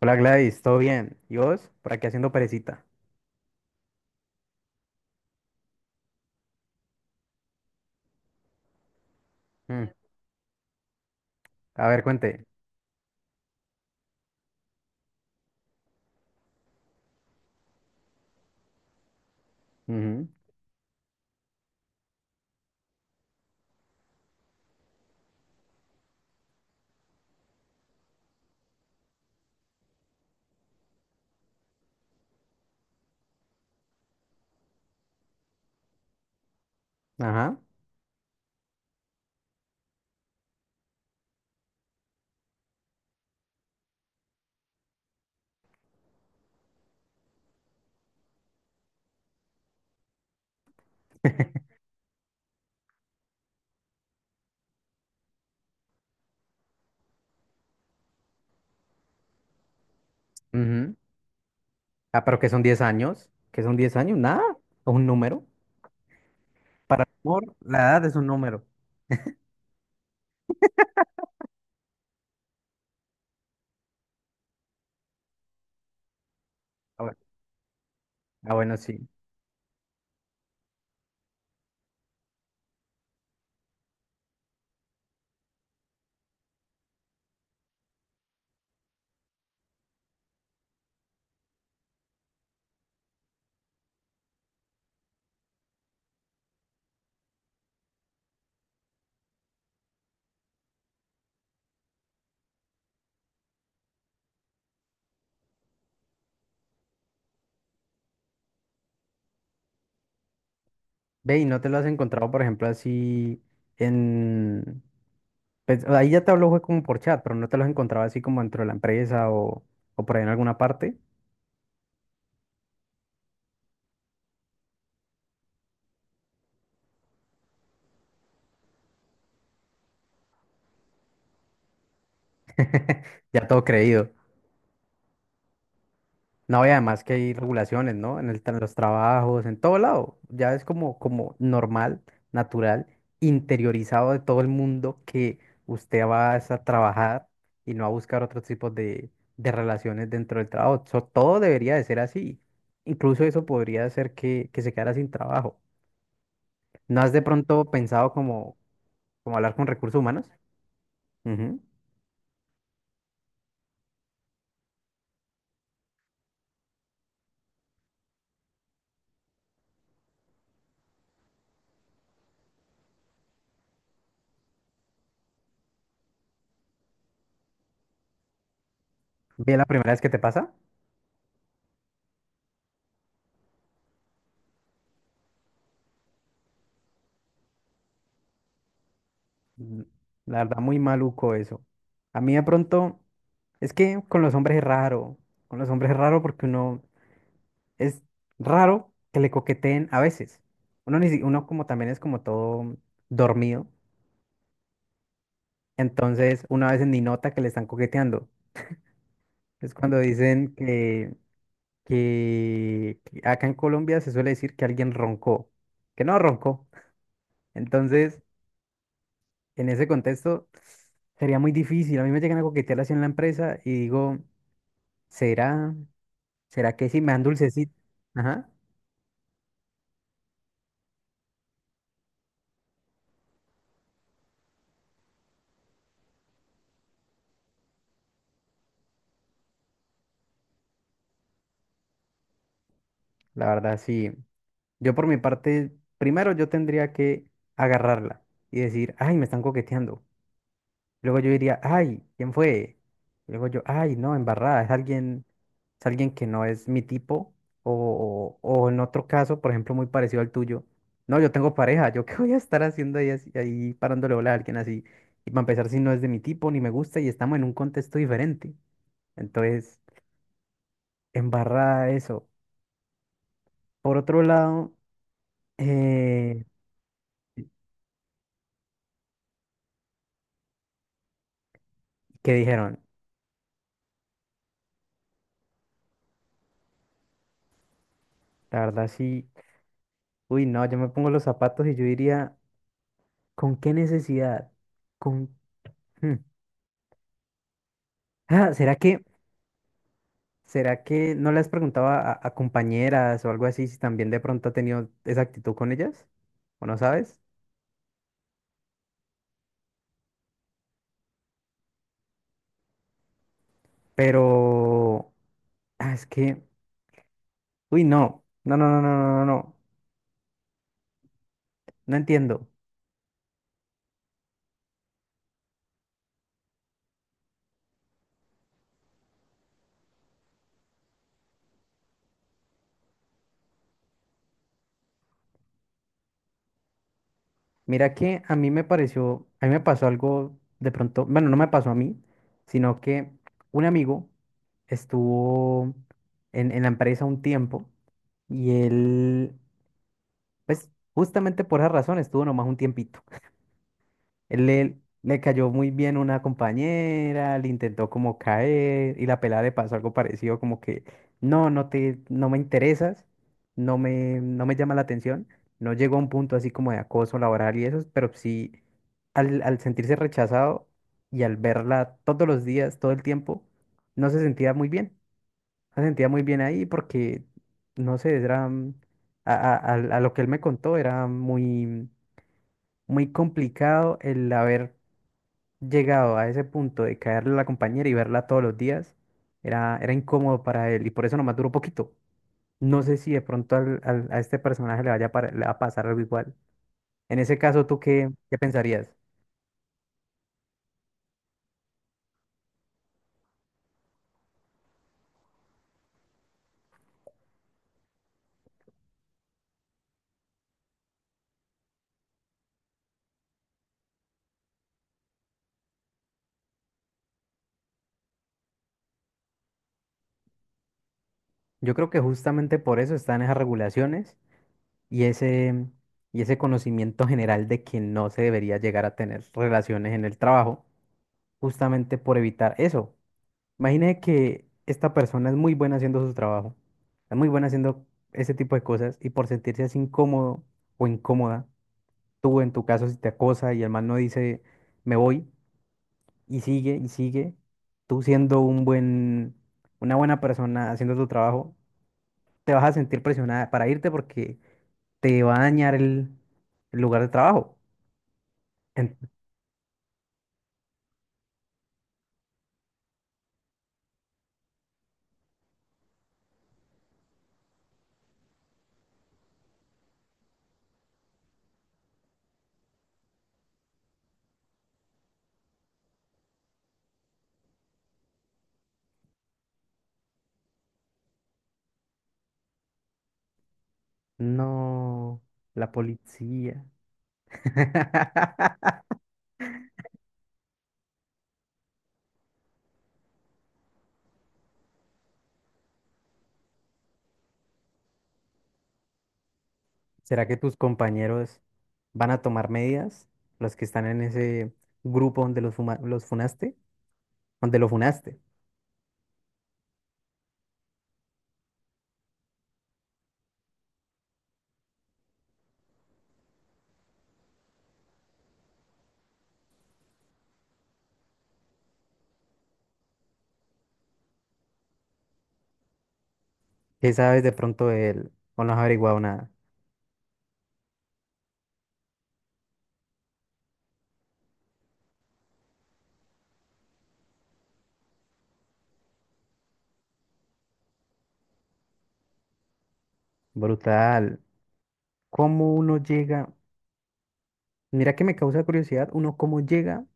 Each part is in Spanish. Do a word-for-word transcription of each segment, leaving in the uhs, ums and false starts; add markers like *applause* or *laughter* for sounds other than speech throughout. Hola Gladys, ¿todo bien? ¿Y vos? Por aquí haciendo perecita. Mm. A ver, cuente. Ujú. Ajá. Ujú. Ah, pero ¿qué son diez años? ¿Qué son diez años? Nada. Es un número. Para el amor, la edad es un número. Ah, bueno, ah, bueno, sí. Ve, ¿y no te lo has encontrado, por ejemplo, así en... pues, ahí ya te hablo fue como por chat, pero no te lo has encontrado así como dentro de la empresa o, o por ahí en alguna parte. *laughs* Ya todo creído. No, y además que hay regulaciones, ¿no? En el, tra- los trabajos, en todo lado. Ya es como, como, normal, natural, interiorizado de todo el mundo que usted va es a trabajar y no a buscar otros tipos de, de relaciones dentro del trabajo. So, todo debería de ser así. Incluso eso podría hacer que, que se quedara sin trabajo. ¿No has de pronto pensado como, como hablar con recursos humanos? Ujú. ¿Ve la primera vez que te pasa? Mm, La verdad, muy maluco eso. A mí de pronto, es que con los hombres es raro. Con los hombres es raro porque uno es raro que le coqueteen a veces. Uno, ni, si- uno como también es como todo dormido. Entonces, uno a veces ni nota que le están coqueteando. Es cuando dicen que, que, que acá en Colombia se suele decir que alguien roncó, que no roncó. Entonces, en ese contexto, sería muy difícil. A mí me llegan a coquetear así en la empresa y digo. ¿Será? ¿Será que sí me dan dulcecito? Ajá, la verdad sí. Yo por mi parte, primero yo tendría que agarrarla y decir, ay, me están coqueteando. Luego yo diría, ay, ¿quién fue? Luego yo, ay, no, embarrada, es alguien, es alguien que no es mi tipo. O, o, o en otro caso, por ejemplo, muy parecido al tuyo. No, yo tengo pareja, ¿yo *laughs* qué voy a estar haciendo ahí, así- ahí parándole bola a alguien así? Y para empezar, si no es de mi tipo, ni me gusta, y estamos en un contexto diferente. Entonces... Embarrada eso. Por otro lado, eh, ¿qué dijeron? La verdad sí, uy, no, yo me pongo los zapatos y yo diría, ¿con qué necesidad? ¿Con... hmm. Ah, ¿será que, será que no les preguntaba a, a a compañeras o algo así si también de pronto ha tenido esa actitud con ellas? ¿O no sabes? Pero, ah, es que, uy, no, no, no, no, no, no, no, no, no entiendo. Mira que a mí me pareció, a mí me pasó algo de pronto, bueno, no me pasó a mí, sino que un amigo estuvo en, en la empresa un tiempo y él, pues justamente por esa razón estuvo nomás un tiempito. Él le, le cayó muy bien una compañera, le intentó como caer y la pelada le pasó algo parecido como que no, no te, no me interesas, no me, no me llama la atención. No llegó a un punto así como de acoso laboral y eso, pero sí al, al sentirse rechazado y al verla todos los días, todo el tiempo, no se sentía muy bien. No se sentía muy bien ahí porque, no sé, era mm, a, a a- a lo que él me contó, era muy muy complicado el haber llegado a ese punto de caerle a la compañera y verla todos los días, era, era incómodo para él y por eso nomás duró poquito. No sé si de pronto al- al- a este personaje le vaya a, par- le va a pasar algo igual. En ese caso, ¿tú qué, qué, pensarías? Yo creo que justamente por eso están esas regulaciones y ese, y ese conocimiento general de que no se debería llegar a tener relaciones en el trabajo, justamente por evitar eso. Imagine que esta persona es muy buena haciendo su trabajo, es muy buena haciendo ese tipo de cosas y por sentirse así incómodo o incómoda, tú en tu caso si te acosa y el man no dice me voy y sigue y sigue, tú siendo un buen, una buena persona haciendo tu trabajo, te vas a sentir presionada para irte porque te va a dañar el, el lugar de trabajo. En- no, la policía. *laughs* ¿Será que tus compañeros van a tomar medidas? Los que están en ese grupo donde los, fuma- los funaste, donde lo funaste. ¿Qué sabes de pronto de él? O no has averiguado nada. Brutal. ¿Cómo uno llega? Mira que me causa curiosidad, uno cómo llega,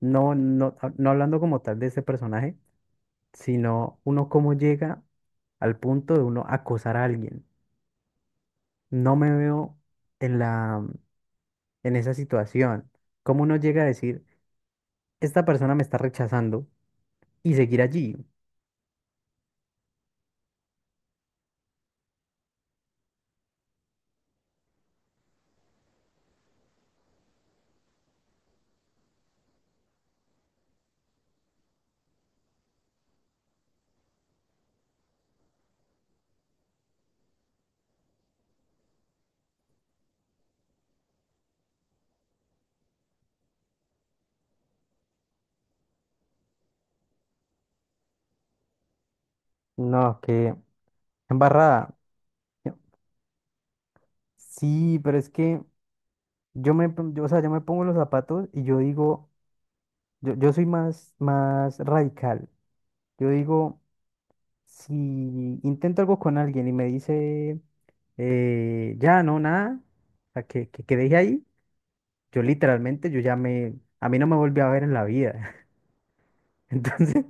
no, no, a- no hablando como tal de ese personaje, sino uno cómo llega al punto de uno acosar a alguien. No me veo en la, en esa situación. ¿Cómo uno llega a decir, esta persona me está rechazando? Y seguir allí. No, qué embarrada. Sí, pero es que yo me, pon- yo, o sea, yo me pongo los zapatos y yo digo, yo, yo soy más, más, radical. Yo digo, si intento algo con alguien y me dice, eh, ya, no, nada, o sea, que, que, que deje ahí, yo literalmente, yo ya me, a mí no me volví a ver en la vida. *laughs* Entonces,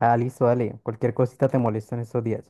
ah, listo, dale, cualquier cosita te molesto en estos días.